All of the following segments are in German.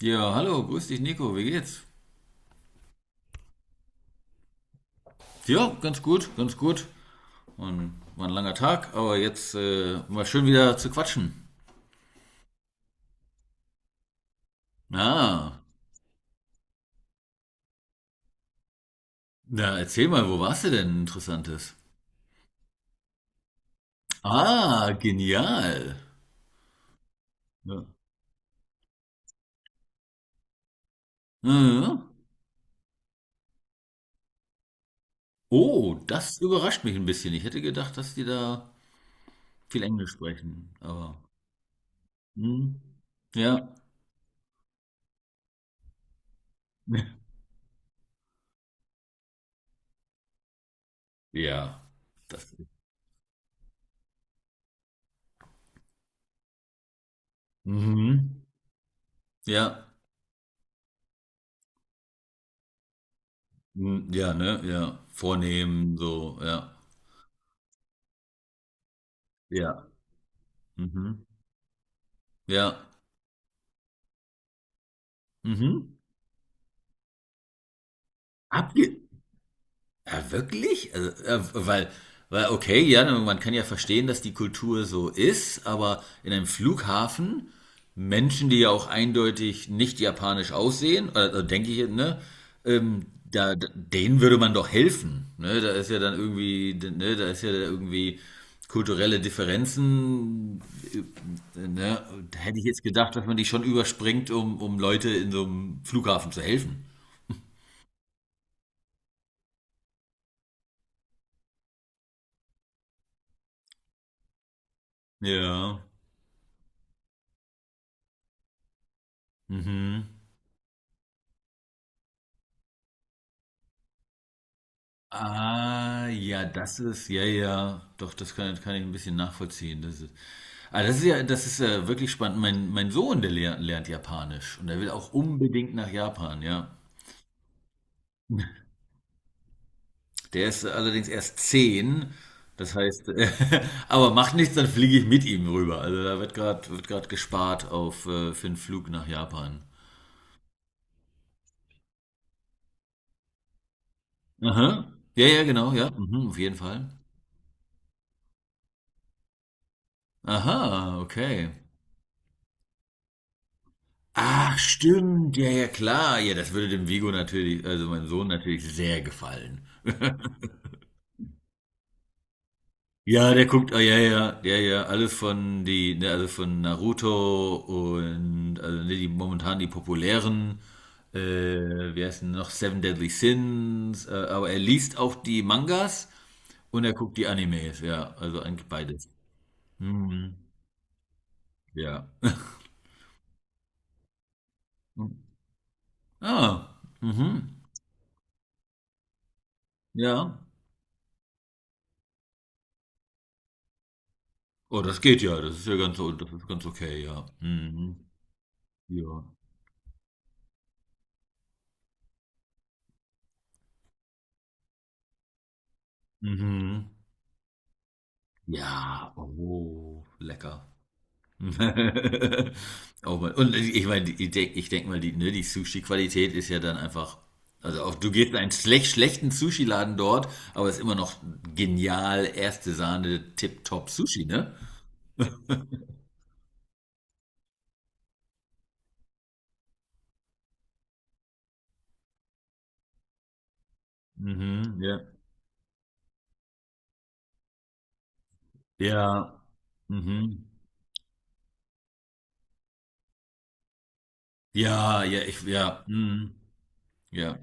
Ja, hallo, grüß dich Nico, wie geht's? Ja, ganz gut, ganz gut. Und war ein langer Tag, aber jetzt mal schön wieder zu quatschen. Ah, na, erzähl mal, wo warst du denn Interessantes? Ah, genial. Ja. Mhm. Oh, das überrascht mich ein bisschen. Ich hätte gedacht, dass die da viel Englisch sprechen, aber hm, ja. Ja, das. Mhm. Ja, hm, ja, ne, ja, vornehmen so, ja, ja. Mhm. Ja. Mhm. Abge ja, wirklich? Also, weil, weil, okay, ja, ne, man kann ja verstehen, dass die Kultur so ist, aber in einem Flughafen, Menschen, die ja auch eindeutig nicht japanisch aussehen, also denke ich, ne, denen würde man doch helfen. Ne? Da ist ja dann irgendwie, ne, da ist ja irgendwie kulturelle Differenzen, ne? Da hätte ich jetzt gedacht, dass man die schon überspringt, um Leute in so einem Flughafen zu helfen. Ja. Mhm. Ah, ja, das ist, ja, ja, doch, das kann ich ein bisschen nachvollziehen. Das ist, das ist ja, das ist wirklich spannend. Mein Sohn, der lernt Japanisch und er will auch unbedingt nach Japan, ja. Der ist allerdings erst 10, das heißt, aber macht nichts, dann fliege ich mit ihm rüber. Also da wird gerade gespart auf für einen Flug nach Japan. Aha. Ja, ja, genau, ja. Mhm, auf jeden Fall. Aha, okay. Ach, stimmt. Ja, ja, klar. Ja, das würde dem Vigo natürlich, also meinem Sohn natürlich sehr gefallen. Ja, der guckt, ah, ja, ja, ja, ja, alles von die, ne, also von Naruto und also ne, die momentan die populären, wie heißt denn noch, Seven Deadly Sins, aber er liest auch die Mangas und er guckt die Animes, ja, also eigentlich beides. Mhm. Ja. Ah, mhm. Ja. Oh, das geht ja, das ist ja ganz, das ist ganz okay, ja. Mhm. Ja. Mhm. Ja, oh, lecker. Oh Mann. Und ich meine, ich denk mal, die, ne, die Sushi-Qualität ist ja dann einfach, also auch du gehst in einen schlechten Sushi-Laden dort, aber es ist immer noch genial, erste Sahne, tipptopp Sushi, ne? Mhm, ja. Ja, mhm. Ja, ja, ich, ja, mhm. Ja.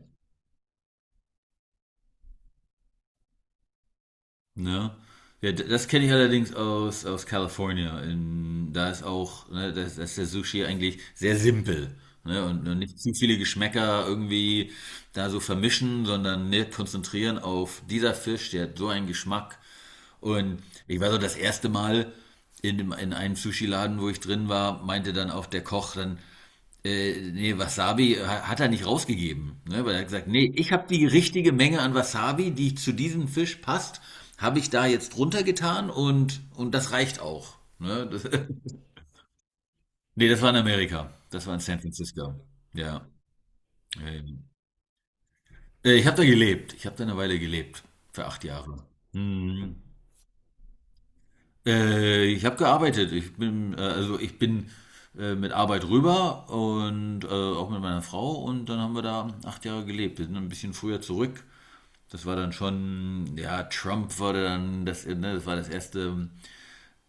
Ne? Ja, das kenne ich allerdings aus California. Da ist auch, ne, da ist der Sushi eigentlich sehr simpel. Ne? Und nicht zu viele Geschmäcker irgendwie da so vermischen, sondern ne, konzentrieren auf dieser Fisch, der hat so einen Geschmack. Und ich war so das erste Mal in einem Sushi-Laden, wo ich drin war, meinte dann auch der Koch dann, nee, Wasabi hat er nicht rausgegeben. Ne? Weil er hat gesagt, nee, ich habe die richtige Menge an Wasabi, die zu diesem Fisch passt, habe ich da jetzt drunter getan und das reicht auch. Ne? Das, nee, das war in Amerika. Das war in San Francisco. Ja. Ähm, ich habe da gelebt. Ich habe da eine Weile gelebt. Für 8 Jahre. Mhm. Ich habe gearbeitet. Ich bin mit Arbeit rüber und auch mit meiner Frau und dann haben wir da 8 Jahre gelebt. Wir sind ein bisschen früher zurück. Das war dann schon, ja, Trump war dann, ne, das war das erste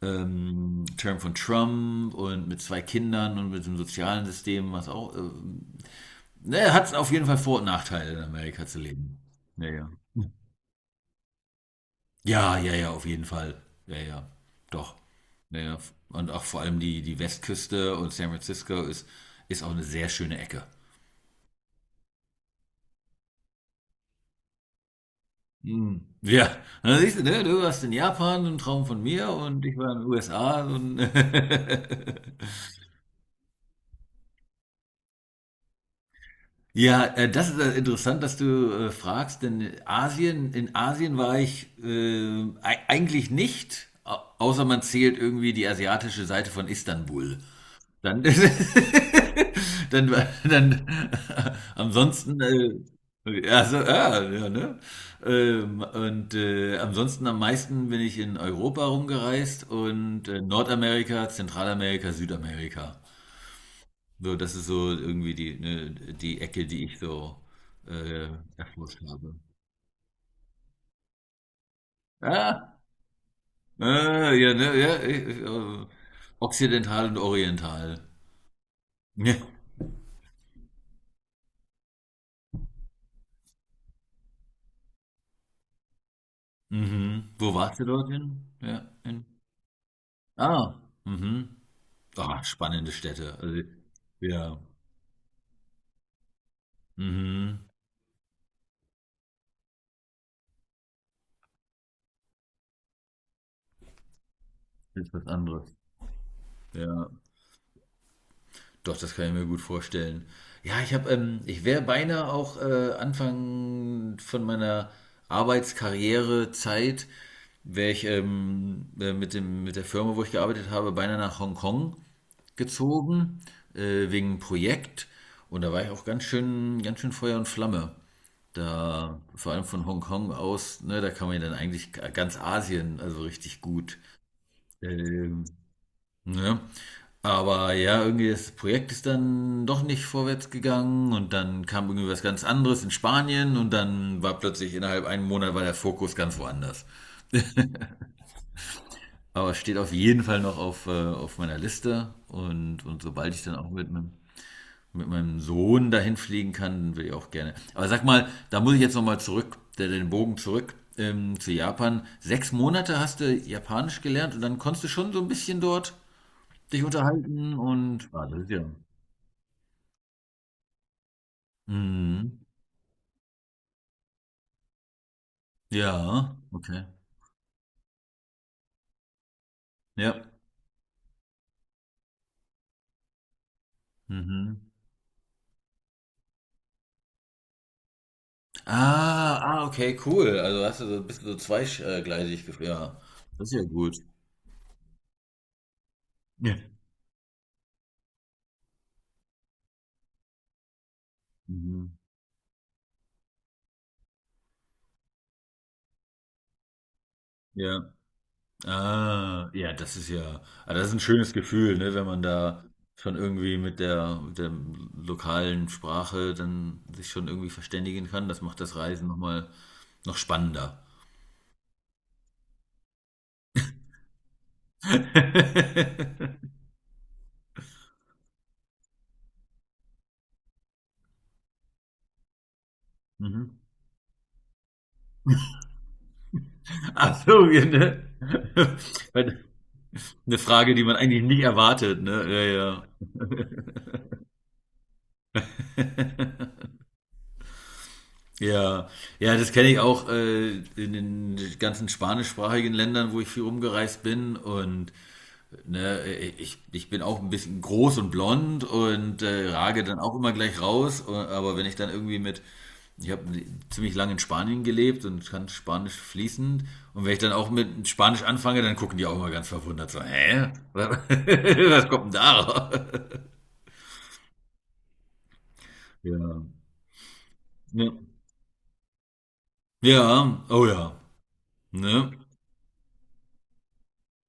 Term von Trump und mit zwei Kindern und mit dem sozialen System, was auch, ne, hat auf jeden Fall Vor- und Nachteile in Amerika zu leben. Ja, ja. Ja, ja, ja, auf jeden Fall. Ja, ja, doch. Ja, ja. Und auch vor allem die Westküste und San Francisco ist auch eine sehr schöne Ecke. Hm. Ja, und dann siehst du, ne, du warst in Japan, ein Traum von mir und ich war in den USA und ja, das ist interessant, dass du fragst, denn Asien, in Asien war ich eigentlich nicht, außer man zählt irgendwie die asiatische Seite von Istanbul. Dann, dann, dann, ansonsten, also ja, ja, ne? Und ansonsten am meisten bin ich in Europa rumgereist und Nordamerika, Zentralamerika, Südamerika. So, das ist so irgendwie die, ne, die Ecke, die ich so äh, erforscht habe. Ah, ja, ne, ja, ich, Okzidental und Oriental. Ja. Mhm. Wo warst du dort hin? Ja, in Ah, mhm. Ah, spannende Städte. Also, ja, mhm. Ist was anderes. Ja, doch, das kann ich mir gut vorstellen. Ja, ich wäre beinahe auch Anfang von meiner Arbeitskarrierezeit, wäre ich mit der Firma, wo ich gearbeitet habe, beinahe nach Hongkong gezogen, wegen einem Projekt. Und da war ich auch ganz schön Feuer und Flamme. Da, vor allem von Hongkong aus, ne, da kann man ja dann eigentlich ganz Asien, also richtig gut. Ähm, ne? Aber ja, irgendwie das Projekt ist dann doch nicht vorwärts gegangen und dann kam irgendwie was ganz anderes in Spanien und dann war plötzlich innerhalb einem Monat war der Fokus ganz woanders. Aber es steht auf jeden Fall noch auf meiner Liste und sobald ich dann auch mit meinem Sohn dahin fliegen kann, dann will ich auch gerne. Aber sag mal, da muss ich jetzt nochmal zurück, den Bogen zurück zu Japan. 6 Monate hast du Japanisch gelernt und dann konntest du schon so ein bisschen dort dich unterhalten und. Ah, das ist ja. Mhm. Ja, okay. Ja. Mhm. Ah, ah, okay, cool. Also hast du so ein bisschen so zweigleisig gefühlt. Ja, das ist ja gut. Ja. Mhm. Ja. Ah, ja, das ist ein schönes Gefühl, ne, wenn man da schon irgendwie mit der lokalen Sprache dann sich schon irgendwie verständigen kann. Das macht das Reisen nochmal noch spannender. Mhm. Ach so, ja, ne? Weil Eine Frage, die man eigentlich nie erwartet, ne? Ja, ja. Ja, ja, das kenne ich auch in den ganzen spanischsprachigen Ländern, wo ich viel rumgereist bin. Ne, ich bin auch ein bisschen groß und blond und rage dann auch immer gleich raus. Aber wenn ich dann irgendwie ich habe ziemlich lange in Spanien gelebt und kann Spanisch fließend. Und wenn ich dann auch mit Spanisch anfange, dann gucken die auch immer ganz verwundert so, hä? Was, kommt denn da? Raus?" Ja. Ne. Ja, oh ja. Ne?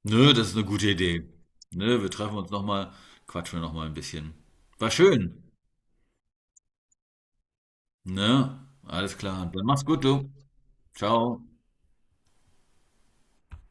Ne, das ist eine gute Idee. Ne, wir treffen uns nochmal, quatschen wir nochmal ein bisschen. War schön. Ne? Alles klar. Dann mach's gut, du. Ciao.